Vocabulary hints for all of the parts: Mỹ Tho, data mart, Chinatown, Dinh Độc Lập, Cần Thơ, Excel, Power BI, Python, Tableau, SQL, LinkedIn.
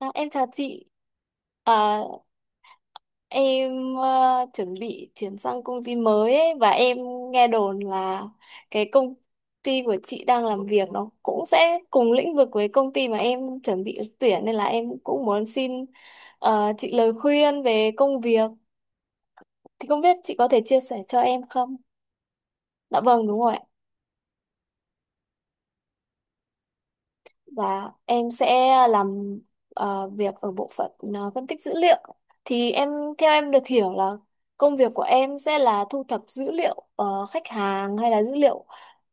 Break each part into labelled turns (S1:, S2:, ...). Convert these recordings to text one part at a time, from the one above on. S1: Em chào chị. À, em chuẩn bị chuyển sang công ty mới ấy, và em nghe đồn là cái công ty của chị đang làm việc nó cũng sẽ cùng lĩnh vực với công ty mà em chuẩn bị ứng tuyển nên là em cũng muốn xin chị lời khuyên về công việc. Thì không biết chị có thể chia sẻ cho em không? Dạ vâng, đúng rồi. Và em sẽ làm việc ở bộ phận phân tích dữ liệu thì em theo em được hiểu là công việc của em sẽ là thu thập dữ liệu khách hàng hay là dữ liệu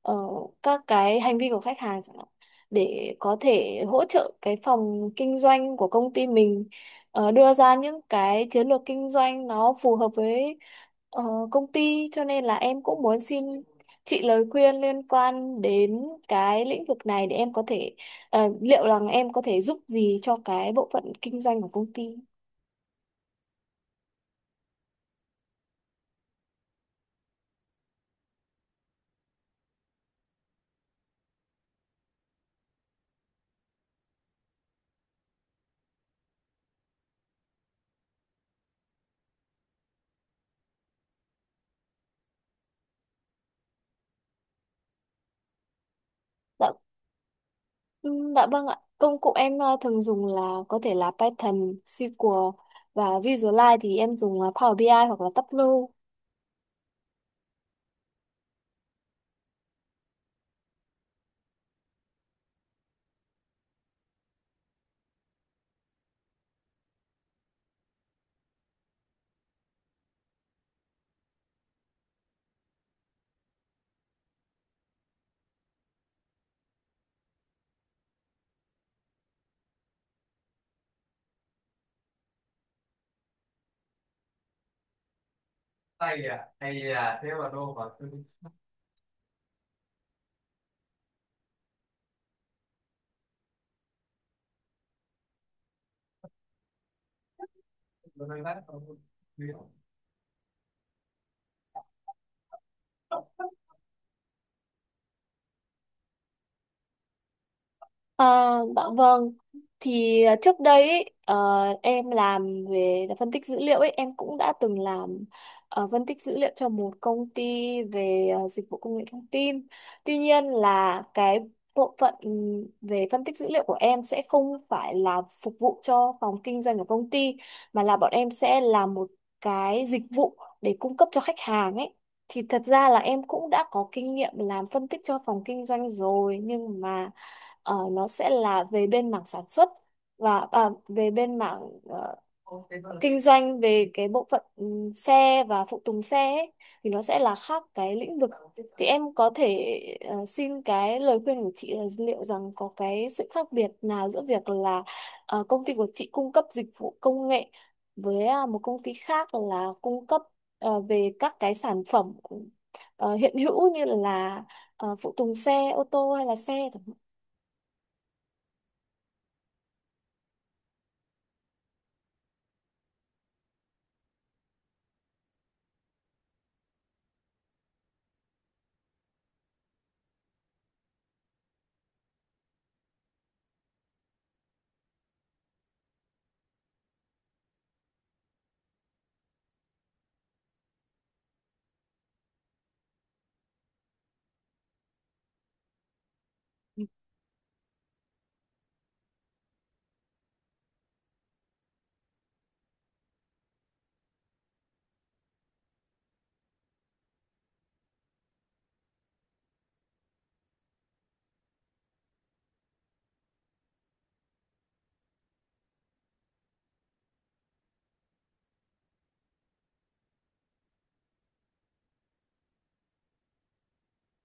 S1: ờ, các cái hành vi của khách hàng chẳng hạn để có thể hỗ trợ cái phòng kinh doanh của công ty mình, đưa ra những cái chiến lược kinh doanh nó phù hợp với ờ, công ty, cho nên là em cũng muốn xin chị lời khuyên liên quan đến cái lĩnh vực này để em có thể. Liệu rằng em có thể giúp gì cho cái bộ phận kinh doanh của công ty? Dạ, dạ vâng ạ. Công cụ em thường dùng là có thể là Python, SQL và Visualize, thì em dùng Power BI ai hoặc là Tableau. Ờ, dạ vâng. Thì à, trước đây ý, em làm về phân tích dữ liệu ấy, em cũng đã từng làm phân tích dữ liệu cho một công ty về dịch vụ công nghệ thông tin. Tuy nhiên là cái bộ phận về phân tích dữ liệu của em sẽ không phải là phục vụ cho phòng kinh doanh của công ty, mà là bọn em sẽ làm một cái dịch vụ để cung cấp cho khách hàng ấy. Thì thật ra là em cũng đã có kinh nghiệm làm phân tích cho phòng kinh doanh rồi, nhưng mà nó sẽ là về bên mảng sản xuất và à, về bên mảng ờ, kinh doanh về cái bộ phận xe và phụ tùng xe ấy, thì nó sẽ là khác cái lĩnh vực. Thì em có thể xin cái lời khuyên của chị là liệu rằng có cái sự khác biệt nào giữa việc là công ty của chị cung cấp dịch vụ công nghệ với à, một công ty khác là cung cấp về các cái sản phẩm hiện hữu như là phụ tùng xe ô tô hay là xe.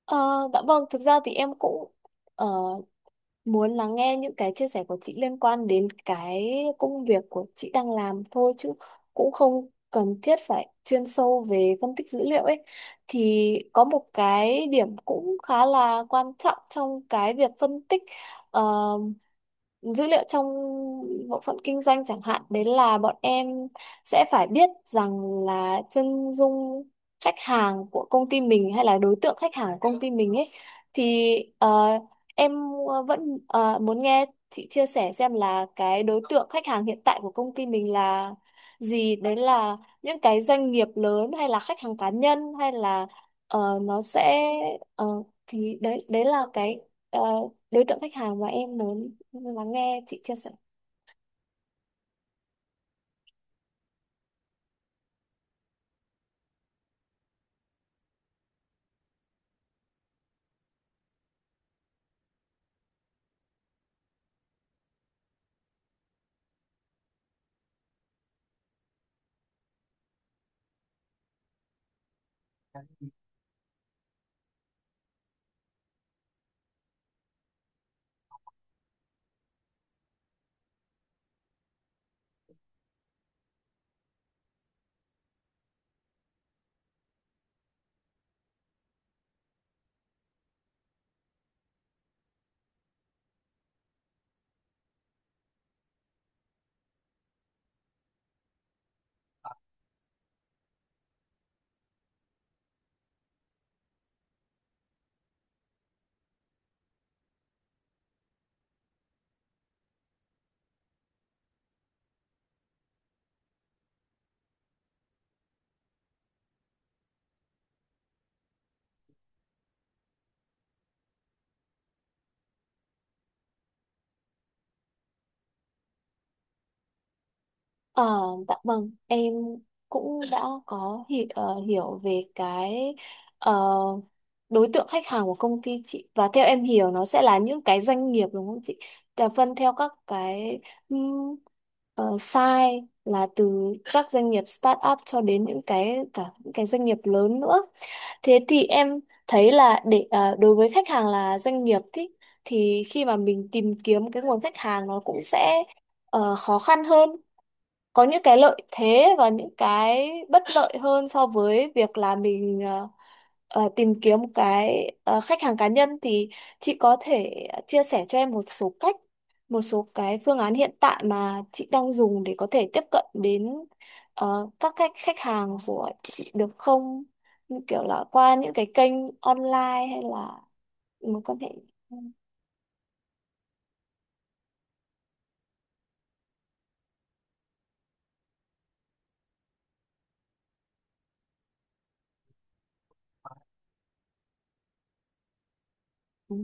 S1: Ờ, dạ vâng, thực ra thì em cũng ờ, muốn lắng nghe những cái chia sẻ của chị liên quan đến cái công việc của chị đang làm thôi, chứ cũng không cần thiết phải chuyên sâu về phân tích dữ liệu ấy. Thì có một cái điểm cũng khá là quan trọng trong cái việc phân tích ờ, dữ liệu trong bộ phận kinh doanh chẳng hạn, đấy là bọn em sẽ phải biết rằng là chân dung khách hàng của công ty mình hay là đối tượng khách hàng của công ty mình ấy, thì em vẫn muốn nghe chị chia sẻ xem là cái đối tượng khách hàng hiện tại của công ty mình là gì, đấy là những cái doanh nghiệp lớn hay là khách hàng cá nhân hay là nó sẽ ờ, thì đấy đấy là cái ờ, đối tượng khách hàng mà em muốn lắng nghe chị chia sẻ. Ờ, dạ vâng, em cũng đã có hiểu về cái ờ, đối tượng khách hàng của công ty chị, và theo em hiểu nó sẽ là những cái doanh nghiệp đúng không chị? Là phân theo các cái um, size là từ các doanh nghiệp start up cho đến những cái cả những cái doanh nghiệp lớn nữa. Thế thì em thấy là để đối với khách hàng là doanh nghiệp thì khi mà mình tìm kiếm cái nguồn khách hàng, nó cũng sẽ khó khăn hơn, có những cái lợi thế và những cái bất lợi hơn so với việc là mình tìm kiếm một cái khách hàng cá nhân. Thì chị có thể chia sẻ cho em một số cách, một số cái phương án hiện tại mà chị đang dùng để có thể tiếp cận đến các khách khách hàng của chị được không? Như kiểu là qua những cái kênh online hay là mối quan hệ. Ừ.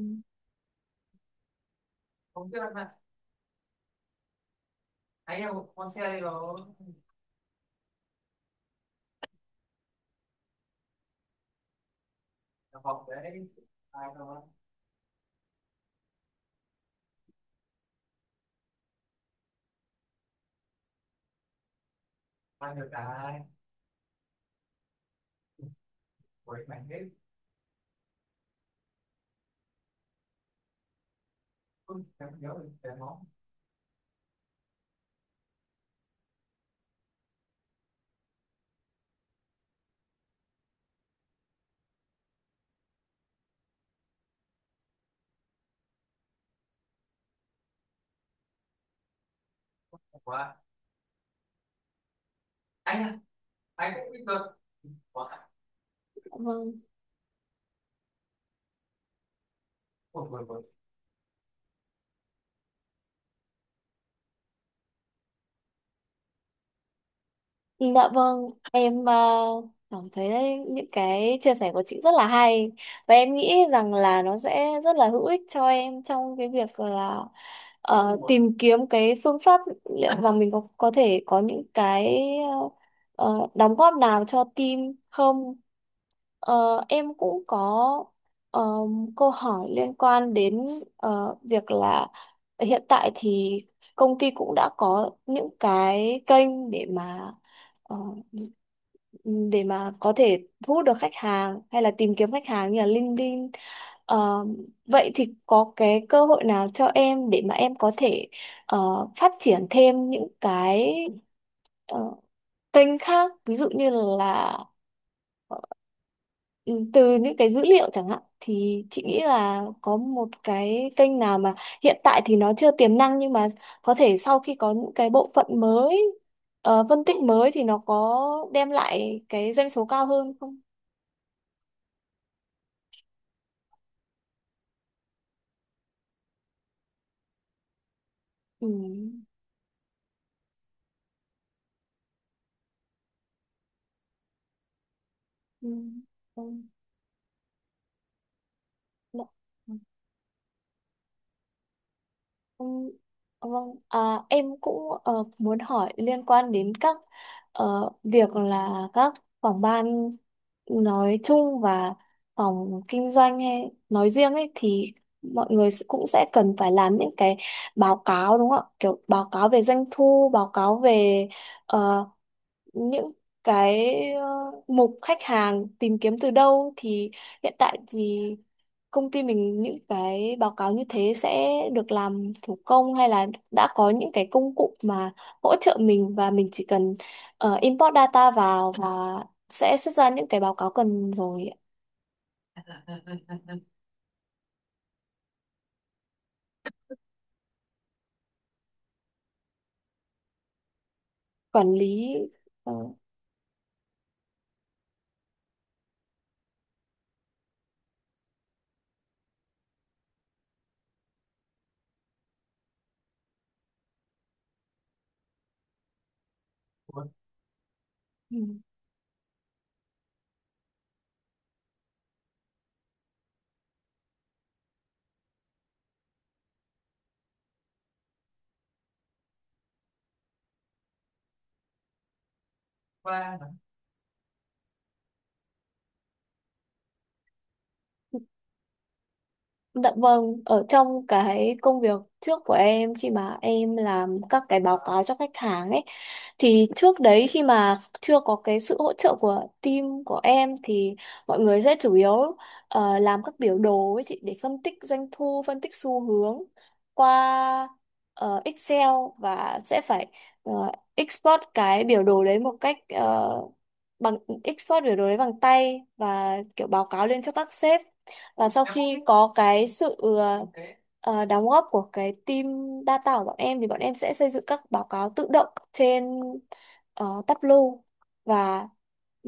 S1: Vâng. Dạ vâng, em cảm thấy những cái chia sẻ của chị rất là hay, và em nghĩ rằng là nó sẽ rất là hữu ích cho em trong cái việc là tìm kiếm cái phương pháp liệu mà mình có thể có những cái đóng góp nào cho team không. Ờ, em cũng có ờ, câu hỏi liên quan đến việc là hiện tại thì công ty cũng đã có những cái kênh để mà ờ, để mà có thể thu hút được khách hàng hay là tìm kiếm khách hàng như là LinkedIn. Ờ, vậy thì có cái cơ hội nào cho em để mà em có thể phát triển thêm những cái ờ, kênh khác, ví dụ như là ờ, ừ, từ những cái dữ liệu chẳng hạn, thì chị nghĩ là có một cái kênh nào mà hiện tại thì nó chưa tiềm năng, nhưng mà có thể sau khi có những cái bộ phận mới phân tích mới thì nó có đem lại cái doanh số cao hơn không? Ừ. Ừ. Ừ. Ừ, vâng, à, em cũng muốn hỏi liên quan đến các việc là các phòng ban nói chung và phòng kinh doanh hay nói riêng ấy, thì mọi người cũng sẽ cần phải làm những cái báo cáo đúng không ạ? Kiểu báo cáo về doanh thu, báo cáo về ờ, những cái ờ, mục khách hàng tìm kiếm từ đâu, thì hiện tại thì công ty mình những cái báo cáo như thế sẽ được làm thủ công hay là đã có những cái công cụ mà hỗ trợ mình và mình chỉ cần import data vào và sẽ xuất ra những cái báo cáo cần rồi quản lý ờ, ừ. Dạ vâng, ở trong cái công việc trước của em khi mà em làm các cái báo cáo cho khách hàng ấy, thì trước đấy khi mà chưa có cái sự hỗ trợ của team của em thì mọi người sẽ chủ yếu làm các biểu đồ ấy chị, để phân tích doanh thu, phân tích xu hướng qua Excel và sẽ phải ờ, export cái biểu đồ đấy một cách, ờ, bằng biểu đồ đấy bằng tay và kiểu báo cáo lên cho các sếp. Và sau khi có cái sự đóng góp của cái team data của bọn em, thì bọn em sẽ xây dựng các báo cáo tự động trên Tableau và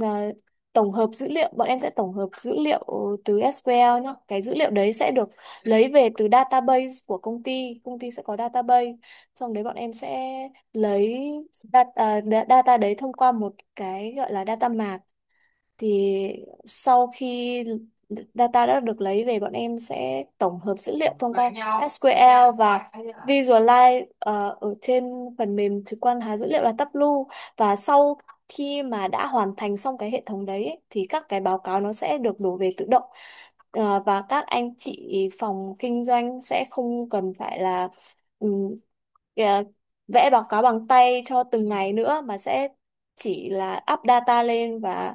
S1: ờ, tổng hợp dữ liệu bọn em sẽ tổng hợp dữ liệu từ SQL nhá, cái dữ liệu đấy sẽ được lấy về từ database của công ty, sẽ có database, xong đấy bọn em sẽ lấy data đấy thông qua một cái gọi là data mart. Thì sau khi data đã được lấy về, bọn em sẽ tổng hợp dữ liệu thông qua SQL và Visualize ở trên phần mềm trực quan hóa dữ liệu là Tableau. Và sau khi mà đã hoàn thành xong cái hệ thống đấy ấy, thì các cái báo cáo nó sẽ được đổ về tự động. Ờ, và các anh chị phòng kinh doanh sẽ không cần phải là, ừ, kìa, vẽ bằng tay cho từng ngày nữa, mà sẽ chỉ là up data lên và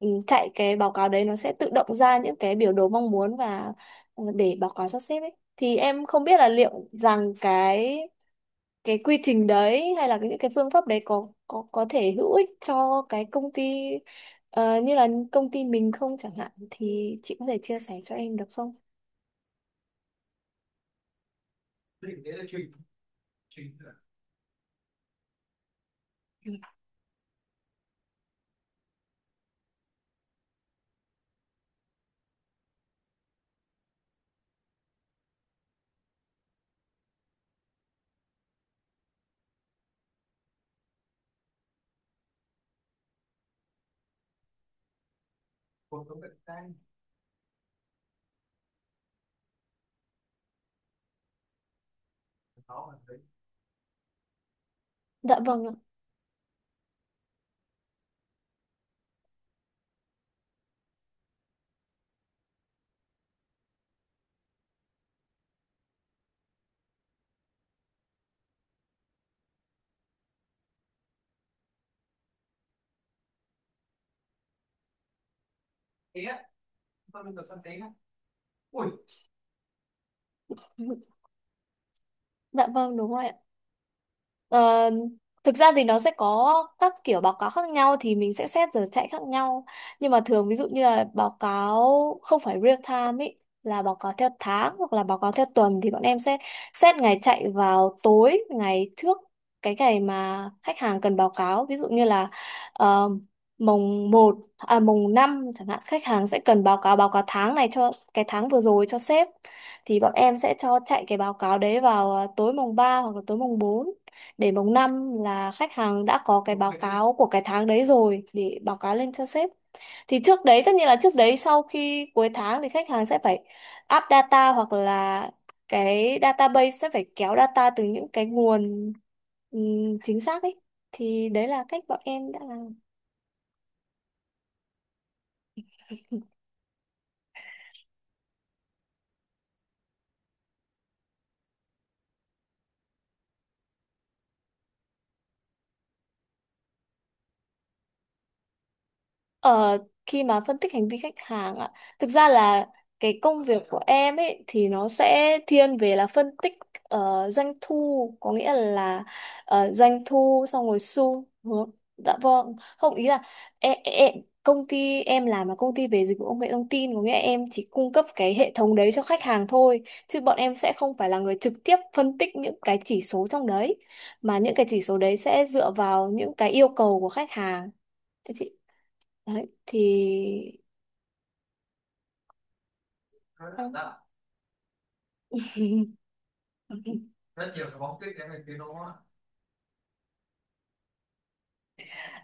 S1: ừ, chạy cái báo cáo đấy, nó sẽ tự động ra những cái biểu đồ mong muốn và ừ, để báo cáo cho sếp ấy. Thì em không biết là liệu rằng cái quy trình đấy hay là những cái phương pháp đấy có thể hữu ích cho cái công ty như là công ty mình không chẳng hạn, thì chị có thể chia sẻ cho em được không? Dạ vâng ạ. Dạ vâng đúng rồi ạ. Ờ, thực ra thì nó sẽ có các kiểu báo cáo khác nhau, thì mình sẽ xét giờ chạy khác nhau. Nhưng mà thường ví dụ như là báo cáo không phải real time ý, là báo cáo theo tháng hoặc là báo cáo theo tuần, thì bọn em sẽ xét ngày chạy vào tối ngày trước cái ngày mà khách hàng cần báo cáo. Ví dụ như là ờ, mùng một à mùng 5 chẳng hạn, khách hàng sẽ cần báo cáo tháng này cho cái tháng vừa rồi cho sếp, thì bọn em sẽ cho chạy cái báo cáo đấy vào tối mùng 3 hoặc là tối mùng bốn. Đến mùng 5 là khách hàng đã có cái báo cáo của cái tháng đấy rồi để báo cáo lên cho sếp. Thì trước đấy, tất nhiên là trước đấy, sau khi cuối tháng thì khách hàng sẽ phải up data hoặc là cái database sẽ phải kéo data từ những cái nguồn chính xác ấy. Thì đấy là cách bọn em đã làm. Ờ, khi mà phân tích hành vi khách hàng ạ, thực ra là cái công việc của em ấy thì nó sẽ thiên về là phân tích doanh thu, có nghĩa là doanh thu xong rồi xu hướng. Dạ vâng, không ý là em, công ty em làm là công ty về dịch vụ công nghệ thông tin, có nghĩa là em chỉ cung cấp cái hệ thống đấy cho khách hàng thôi, chứ bọn em sẽ không phải là người trực tiếp phân tích những cái chỉ số trong đấy, mà những cái chỉ số đấy sẽ dựa vào những cái yêu cầu của khách hàng. Đấy, thì không.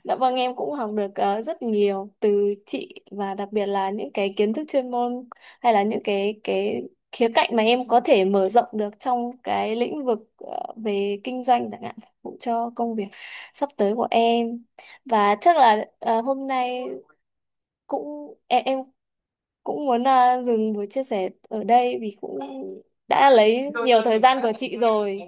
S1: Dạ vâng em cũng học được rất nhiều từ chị, và đặc biệt là những cái kiến thức chuyên môn hay là những cái khía cạnh mà em có thể mở rộng được trong cái lĩnh vực về kinh doanh chẳng hạn, phục vụ cho công việc sắp tới của em. Và chắc là hôm nay cũng em cũng muốn dừng buổi chia sẻ ở đây vì cũng đã lấy nhiều thời gian của chị rồi.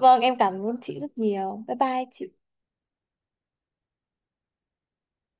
S1: Vâng, em cảm ơn chị rất nhiều. Bye bye chị.